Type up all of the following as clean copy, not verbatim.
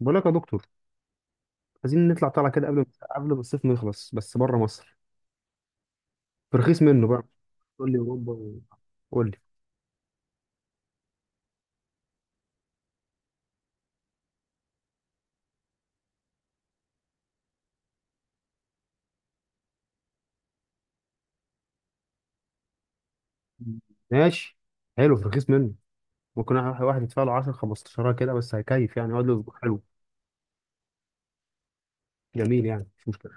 بقول لك يا دكتور، عايزين نطلع طالعه كده قبل ما الصيف ما يخلص، بس بره مصر في رخيص منه بقى. قول لي اوروبا قول لي. ماشي، حلو في رخيص منه. ممكن واحد يدفع له 10 15 كده، بس هيكيف يعني يقعد له اسبوع. حلو، جميل، يعني مش مشكله.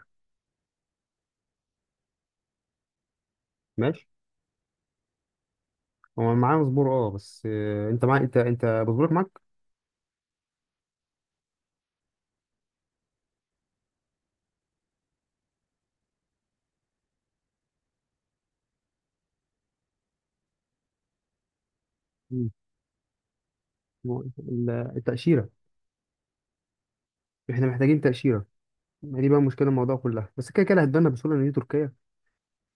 ماشي، هو معاه مزبور، اه بس، انت معاه، انت مزبورك معاك. مم. هو ال- التاشيره، احنا محتاجين تاشيره. ما دي بقى مشكله الموضوع كلها، بس كده كده هتبان بسهوله ان دي تركيا،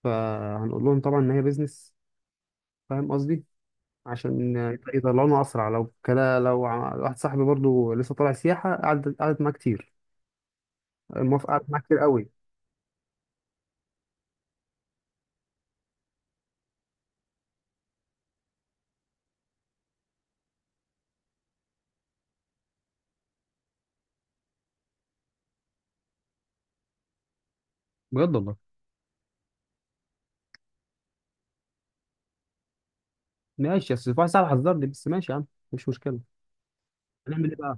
فهنقول لهم طبعا ان هي بيزنس. فاهم قصدي؟ عشان يطلعونه اسرع. لو كده واحد صاحبي برضو لسه طالع سياحه قعد، قعدت معاه كتير، الموافقه قعدت معاه كتير قوي. بجد والله؟ ماشي بس. واحد صاحبي حذرني، بس ماشي يا عم، مش مشكله. هنعمل ايه بقى؟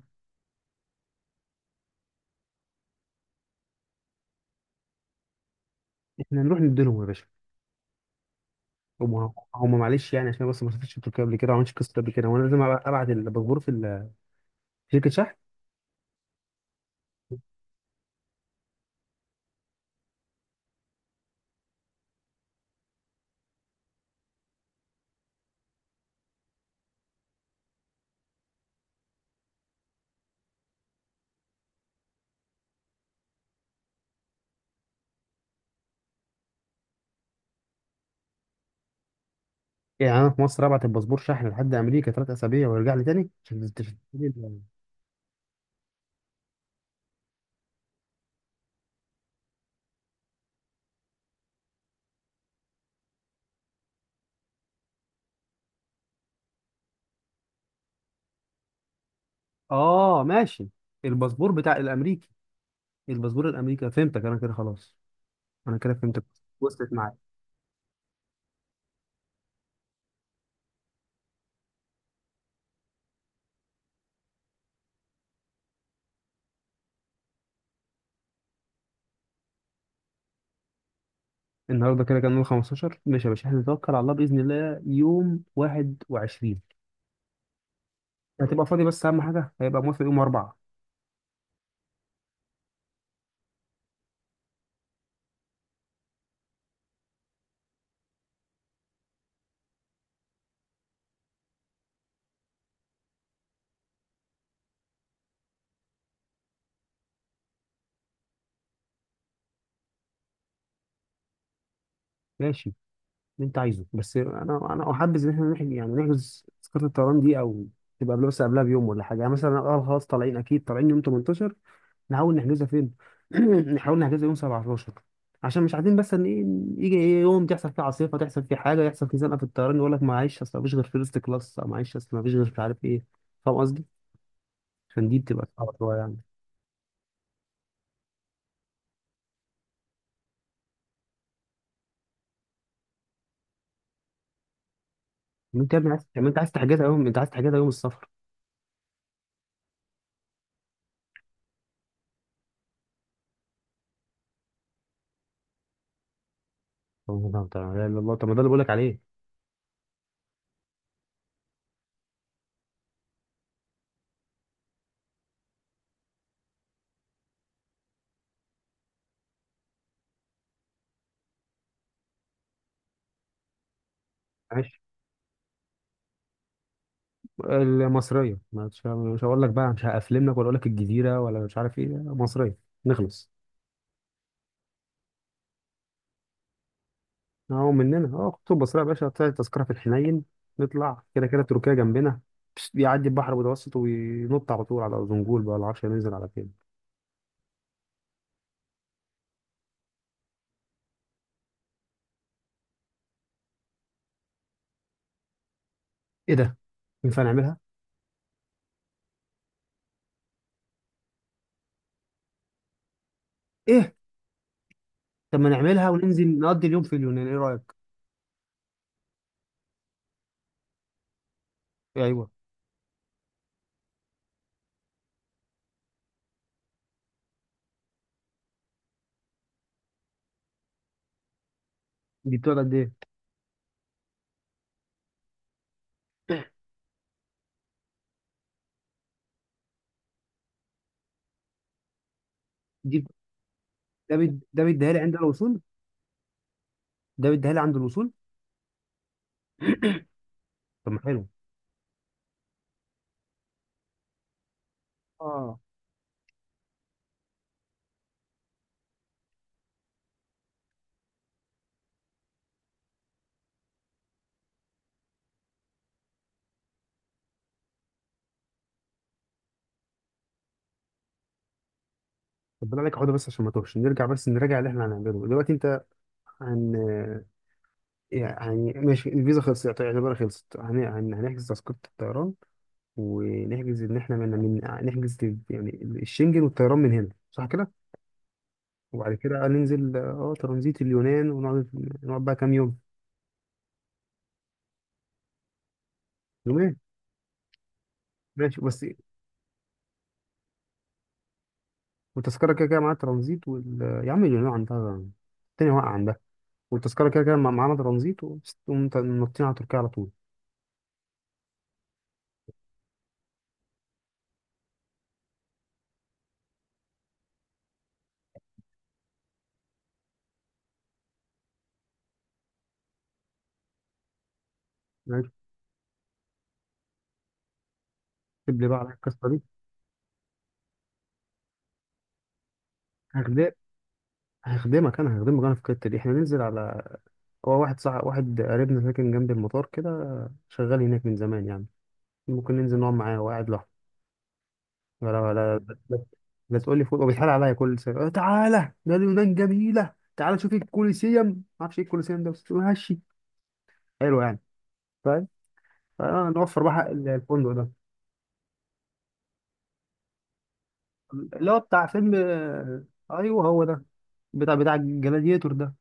احنا نروح نديلهم يا باشا، هم معلش يعني، عشان بس ما سافرتش تركيا قبل كده، ما عملتش قصه قبل كده، وانا لازم ابعت الباسبور في في شركه شحن. يعني انا في مصر ابعت الباسبور شحن لحد امريكا ثلاث اسابيع ويرجع لي تاني، اه ماشي. الباسبور بتاع الامريكي، الباسبور الامريكي فهمتك انا كده خلاص، انا كده فهمتك، وصلت معاك. النهارده كده كان يوم 15، ماشي يا باشا احنا نتوكل على الله، باذن الله يوم 21 هتبقى فاضي؟ بس اهم حاجه هيبقى موافق يوم 4. ماشي اللي انت عايزه، بس انا احبذ ان احنا نحجز، يعني نحجز تذكره الطيران دي، او تبقى بس قبلها بيوم ولا حاجه. يعني مثلا اه خلاص طالعين، اكيد طالعين يوم 18، نحاول نحجزها فين؟ نحاول نحجزها يوم 17، عشان مش عايزين بس ان ايه، يجي ايه يوم تحصل فيه عاصفه، تحصل فيه حاجه، يحصل فيه زنقه في الطيران، يقول لك معلش اصل مفيش غير فيرست كلاس، او معلش اصل مفيش غير مش عارف ايه. فاهم قصدي؟ عشان دي بتبقى صعبه شويه يعني. انت يا ابني عايز، طب انت عايز تحجزها يوم، انت عايز تحجزها يوم السفر؟ طب ما ده- طب ما ده- الله، طب ما ده اللي بقول لك عليه. المصرية، مش هقول لك بقى مش هقفلملك، ولا اقول لك الجزيرة ولا مش عارف ايه، مصرية نخلص. اهو مننا، اه خطوط مصرية يا باشا، طلعت تذكرة في الحنين. نطلع كده كده تركيا جنبنا، بس بيعدي البحر المتوسط وينط على طول على أرزنبول بقى، ولا عارف ننزل على فين. ايه ده؟ ينفع نعملها؟ ايه؟ طب ما نعملها وننزل نقضي اليوم في اليونان، ايه رأيك؟ ايوه، دي بتقعد قد ايه؟ دي ده بيديها لي عند الوصول، ده بيديها لي عند الوصول. طب ما حلو، اه. طب بالله عليك اقعد بس عشان ما توهش، نرجع بس نراجع اللي احنا هنعمله دلوقتي. انت عن، يعني ماشي الفيزا خلصت يعتبر خلصت، هنحجز تذكرة الطيران، ونحجز إن إحنا نحجز يعني الشنجن والطيران من هنا، صح كده؟ وبعد كده ننزل اه ترانزيت اليونان ونقعد. نقعد بقى كام يوم؟ يومين، ماشي بس. والتذكرة كده كده معاها ترانزيت وال... يا عم اليونان عندها التاني واقع عندها، والتذكرة كده كده معانا ترانزيت، ونطين على تركيا على طول. ماشي، اكتب لي بقى على القصة دي. هخدمك، هخدمك أنا، هخدمك أنا في الحتة دي. إحنا ننزل على، هو واحد صح، واحد قريبنا ساكن جنب المطار كده، شغال هناك من زمان يعني. ممكن ننزل نقعد معاه، هو قاعد لوحده. لا. لا، لا تقول لي فوق، وبيتحال عليا كل سنة، تعالى ده اليونان جميلة، تعالى شوف الكوليسيوم، ما اعرفش ايه الكوليسيوم ده، بس ماشي، حلو يعني. فاهم؟ فنوفر بقى حق الفندق ده. اللي هو بتاع فيلم، ايوه هو ده، بتاع الجلاديتور ده،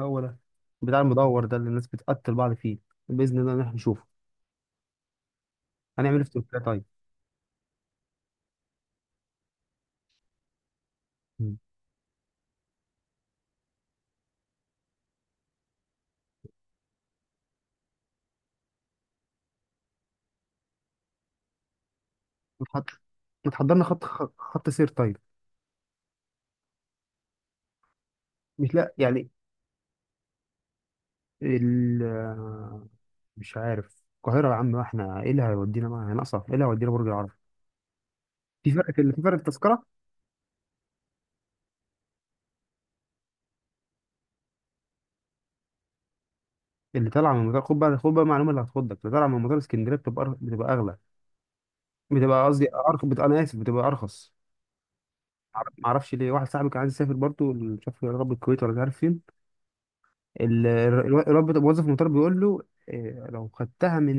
هو ده، بتاع المدور ده اللي الناس بتقتل بعض فيه. بإذن الله إن احنا نشوفه. هنعمل ايه في تركيا طيب؟ ما تحض- ما تحضرنا خط، خط سير طيب. مش لا يعني، ال، مش عارف. القاهرة يا عم؟ احنا ايه اللي هيودينا بقى، هنقصر، ايه اللي هيودينا برج العرب؟ في فرق، في فرق التذكرة. اللي طالعة من مطار، خد بقى، خد بقى معلومة اللي هتخضك، اللي طالعة من مطار اسكندرية بتبقى بتبقى أغلى، بتبقى قصدي أرخص، بتبقى أنا آسف، بتبقى أرخص. معرفش ليه، واحد صاحبي كان عايز يسافر برضه، مش عارف يا رب الكويت ولا مش عارف فين، الواد موظف المطار بيقول له، إيه، لو خدتها من،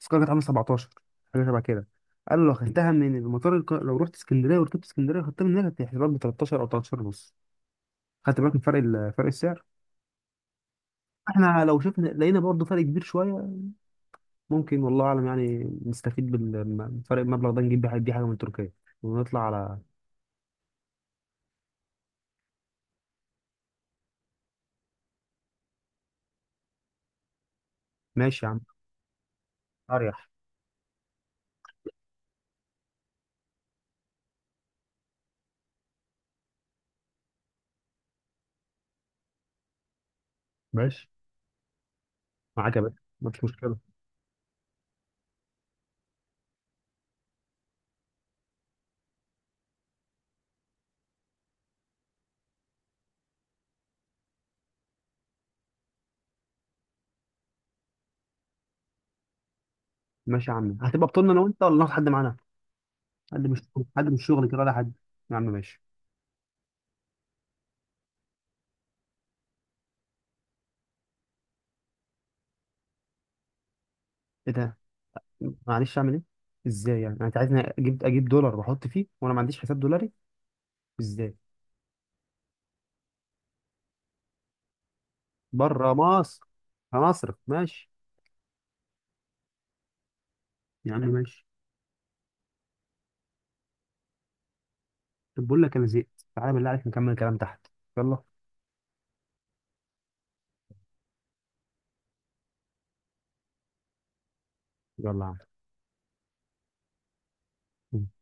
التذكرة كانت عاملة 17 حاجة شبه كده، قالوا لو خدتها من المطار الق... لو رحت اسكندرية وركبت اسكندرية خدتها من هنا، هتحسب لك ب 13 أو 13 ونص. خدت بالك من فرق ال... فرق السعر؟ احنا لو شفنا لقينا برضه فرق كبير شوية. ممكن والله أعلم يعني نستفيد من فرق المبلغ ده، نجيب بيه بيه حاجة من تركيا ونطلع على. ماشي يا عم، أريح. ماشي معاك يا باشا، مفيش مشكلة. ماشي يا عم، هتبقى بطولنا أنا وأنت ولا ناخد حد معانا؟ حد مش، حد مش شغل كده ولا حد. يا عم ماشي. إيه ده؟ معلش اعمل ايه، ازاي يعني انت عايزني اجيب، اجيب دولار واحط فيه وانا ما عنديش حساب دولاري، ازاي؟ بره مصر هنصرف، ماشي. يا عم ماشي. طب بقول لك انا زهقت، تعالى بالله عليك نكمل الكلام تحت. يلا. يلا يا عم.